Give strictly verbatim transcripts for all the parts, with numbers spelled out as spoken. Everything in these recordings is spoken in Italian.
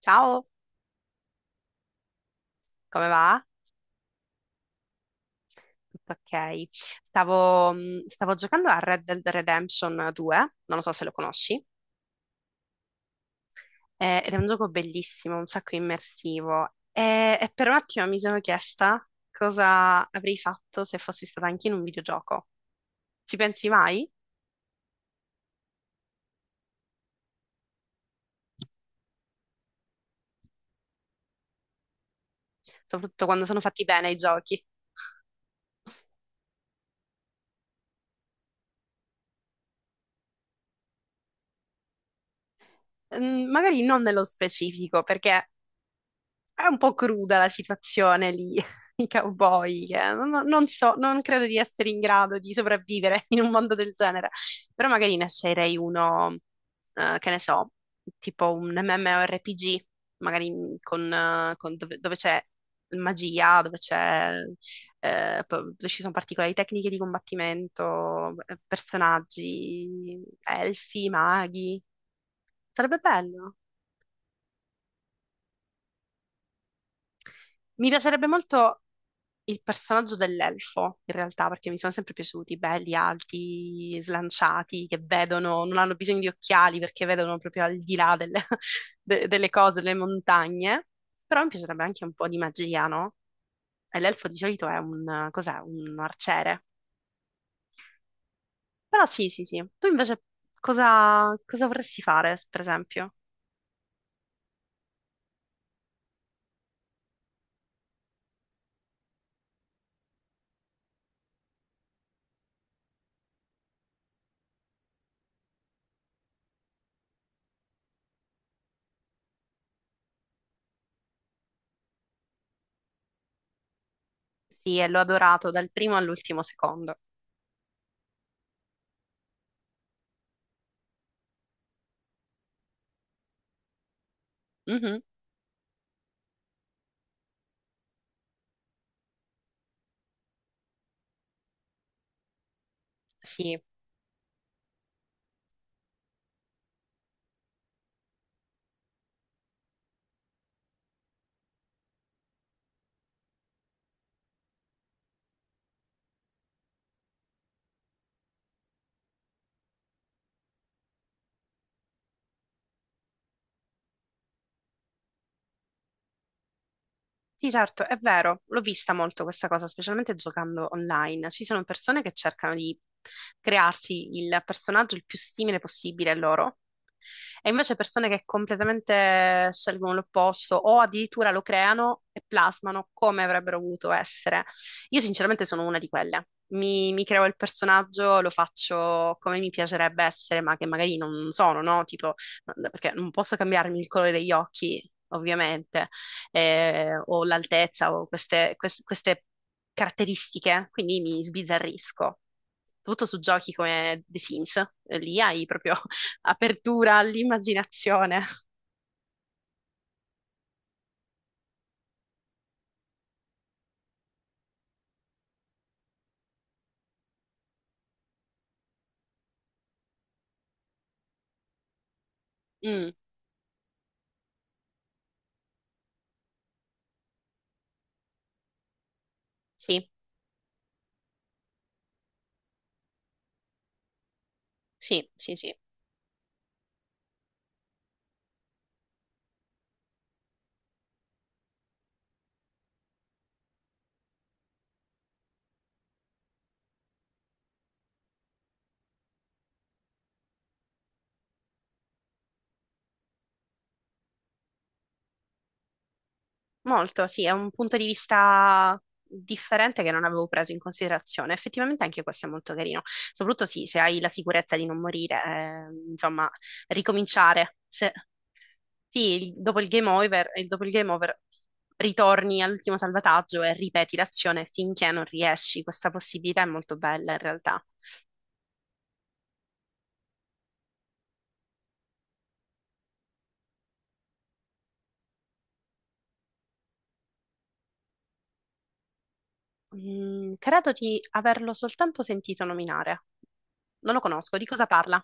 Ciao, come va? Tutto ok. Stavo, mh, stavo giocando a Red Dead Redemption due, non lo so se lo conosci, eh, ed è un gioco bellissimo, un sacco immersivo. E, e per un attimo mi sono chiesta cosa avrei fatto se fossi stata anche in un videogioco. Ci pensi mai? Soprattutto quando sono fatti bene i giochi. Mm, magari non nello specifico, perché è un po' cruda la situazione lì, i cowboy, che non, non so, non credo di essere in grado di sopravvivere in un mondo del genere, però magari ne sceglierei uno, eh, che ne so, tipo un MMORPG, magari con, eh, con dove, dove c'è magia, dove c'è, eh, po- dove ci sono particolari tecniche di combattimento, eh, personaggi, elfi, maghi, sarebbe bello. Mi piacerebbe molto il personaggio dell'elfo, in realtà, perché mi sono sempre piaciuti, belli, alti, slanciati, che vedono, non hanno bisogno di occhiali perché vedono proprio al di là delle, de- delle cose, delle montagne. Però mi piacerebbe anche un po' di magia, no? E l'elfo di solito è un, cos'è? Un arciere. Però sì, sì, sì. Tu invece cosa, cosa vorresti fare, per esempio? Sì, e l'ho adorato dal primo all'ultimo secondo. Mhm, sì. Sì, certo, è vero, l'ho vista molto questa cosa, specialmente giocando online. Ci sono persone che cercano di crearsi il personaggio il più simile possibile a loro e invece persone che completamente scelgono l'opposto o addirittura lo creano e plasmano come avrebbero voluto essere. Io sinceramente sono una di quelle. Mi, mi creo il personaggio, lo faccio come mi piacerebbe essere, ma che magari non sono, no? Tipo, no, perché non posso cambiarmi il colore degli occhi, ovviamente, eh, o l'altezza o queste, quest- queste caratteristiche, quindi mi sbizzarrisco. Soprattutto su giochi come The Sims, eh, lì hai proprio apertura all'immaginazione. Mm, sì, sì, sì, sì. Molto, sì, è un punto di vista differente che non avevo preso in considerazione. Effettivamente anche questo è molto carino. Soprattutto sì, se hai la sicurezza di non morire, eh, insomma, ricominciare. Se- sì, il- dopo il game over, il- dopo il game over ritorni all'ultimo salvataggio e ripeti l'azione finché non riesci. Questa possibilità è molto bella in realtà. Mm, credo di averlo soltanto sentito nominare. Non lo conosco. Di cosa parla?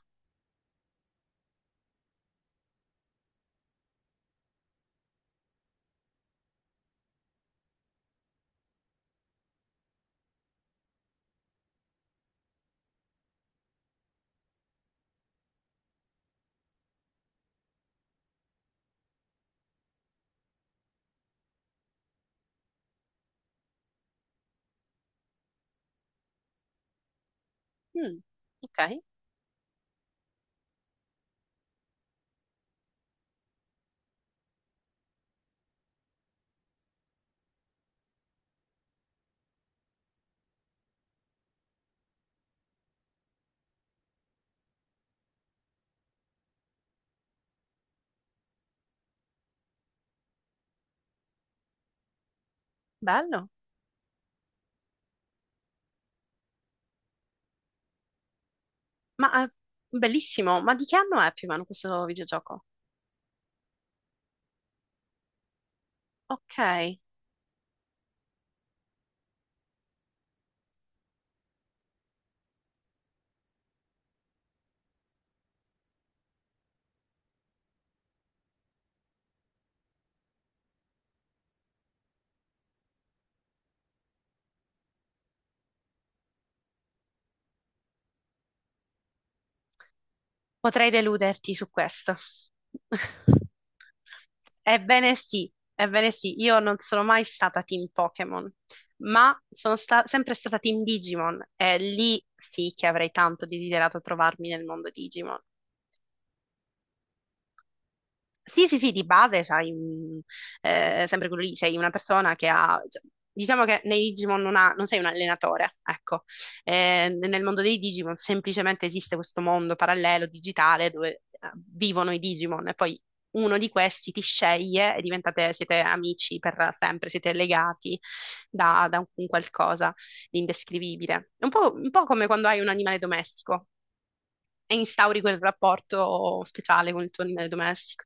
Mm, ok, bello. Ma eh, bellissimo. Ma di che anno è più o meno questo videogioco? Ok, potrei deluderti su questo. Ebbene sì, ebbene sì, io non sono mai stata team Pokémon, ma sono sta- sempre stata team Digimon e lì sì che avrei tanto desiderato trovarmi nel mondo Digimon. Sì, sì, sì, di base c'hai un- eh, sempre quello lì, sei una persona che ha, cioè, diciamo che nei Digimon non, ha- non sei un allenatore, ecco. Eh, nel mondo dei Digimon semplicemente esiste questo mondo parallelo, digitale, dove eh, vivono i Digimon e poi uno di questi ti sceglie e diventate, siete amici per sempre, siete legati da, da un qualcosa di indescrivibile. È un po', un po' come quando hai un animale domestico, e instauri quel rapporto speciale con il tuo animale domestico.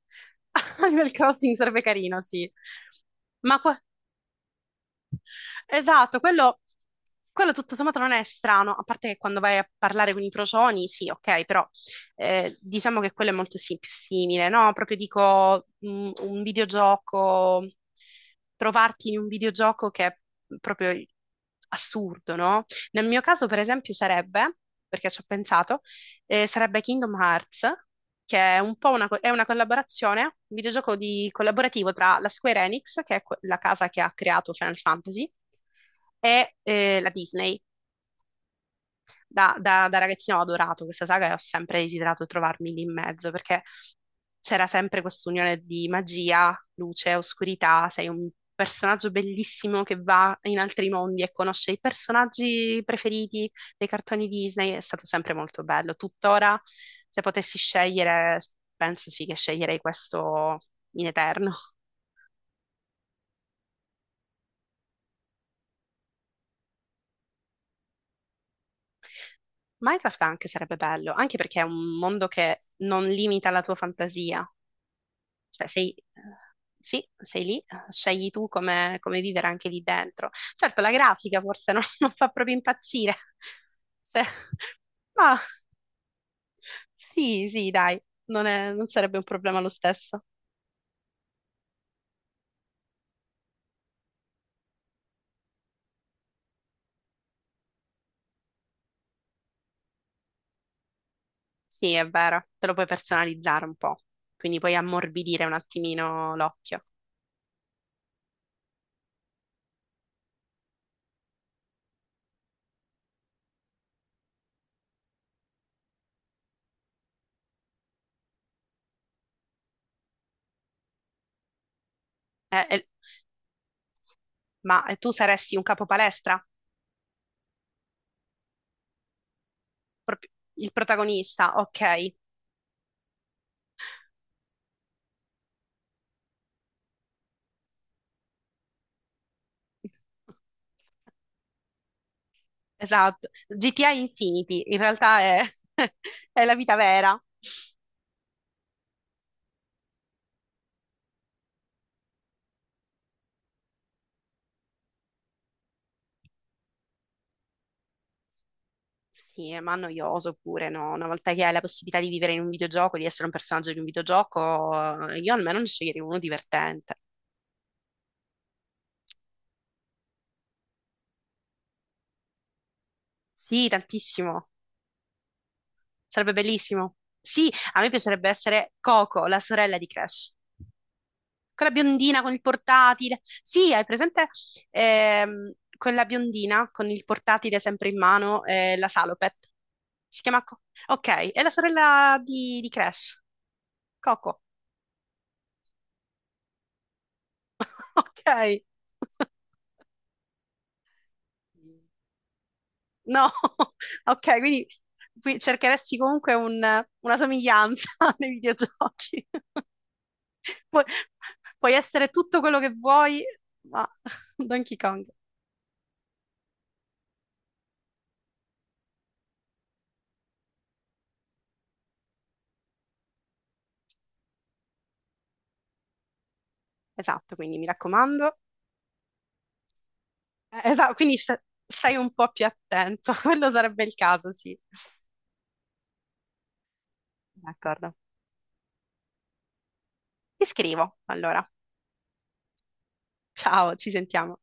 Animal Crossing sarebbe carino, sì. Ma qua- esatto, quello, quello tutto sommato non è strano, a parte che quando vai a parlare con i procioni, sì, ok, però eh, diciamo che quello è molto sì- più simile, no? Proprio dico mh, un videogioco, trovarti in un videogioco che è proprio assurdo, no? Nel mio caso, per esempio, sarebbe, perché ci ho pensato, eh, sarebbe Kingdom Hearts, che è un po' una, co- è una collaborazione, un videogioco di- collaborativo tra la Square Enix, che è que- la casa che ha creato Final Fantasy, e eh, la Disney da, da- da ragazzina ho adorato questa saga e ho sempre desiderato trovarmi lì in mezzo perché c'era sempre quest'unione di magia, luce, oscurità, sei un personaggio bellissimo che va in altri mondi e conosce i personaggi preferiti dei cartoni Disney, è stato sempre molto bello. Tuttora, se potessi scegliere, penso sì che sceglierei questo in eterno. Minecraft anche sarebbe bello, anche perché è un mondo che non limita la tua fantasia. Cioè, sei, eh, sì, sei lì, scegli tu come, come vivere anche lì dentro. Certo, la grafica forse non, non fa proprio impazzire, Se- ma sì, sì, dai, non è- non sarebbe un problema lo stesso. Sì, è vero, te lo puoi personalizzare un po', quindi puoi ammorbidire un attimino l'occhio. Eh, eh, ma tu saresti un capo palestra? Proprio il protagonista, ok. Esatto, G T A Infinity, in realtà è, è la vita vera. Sì, ma noioso pure, no? Una volta che hai la possibilità di vivere in un videogioco, di essere un personaggio di un videogioco, eh, io almeno ne sceglierei uno divertente. Sì, tantissimo. Sarebbe bellissimo. Sì, a me piacerebbe essere Coco, la sorella di Crash. Quella biondina con il portatile. Sì, hai presente ehm, quella biondina con il portatile sempre in mano, eh, la Salopet. Si chiama Co- Ok, è la sorella di, di Crash. Coco. Ok. No, ok, quindi qui cercheresti comunque un- una somiglianza nei videogiochi. Puoi, puoi essere tutto quello che vuoi, ma Donkey Kong. Esatto, quindi mi raccomando. Eh, Esatto, quindi sta- stai un po' più attento, quello sarebbe il caso, sì. D'accordo. Ti scrivo, allora. Ciao, ci sentiamo.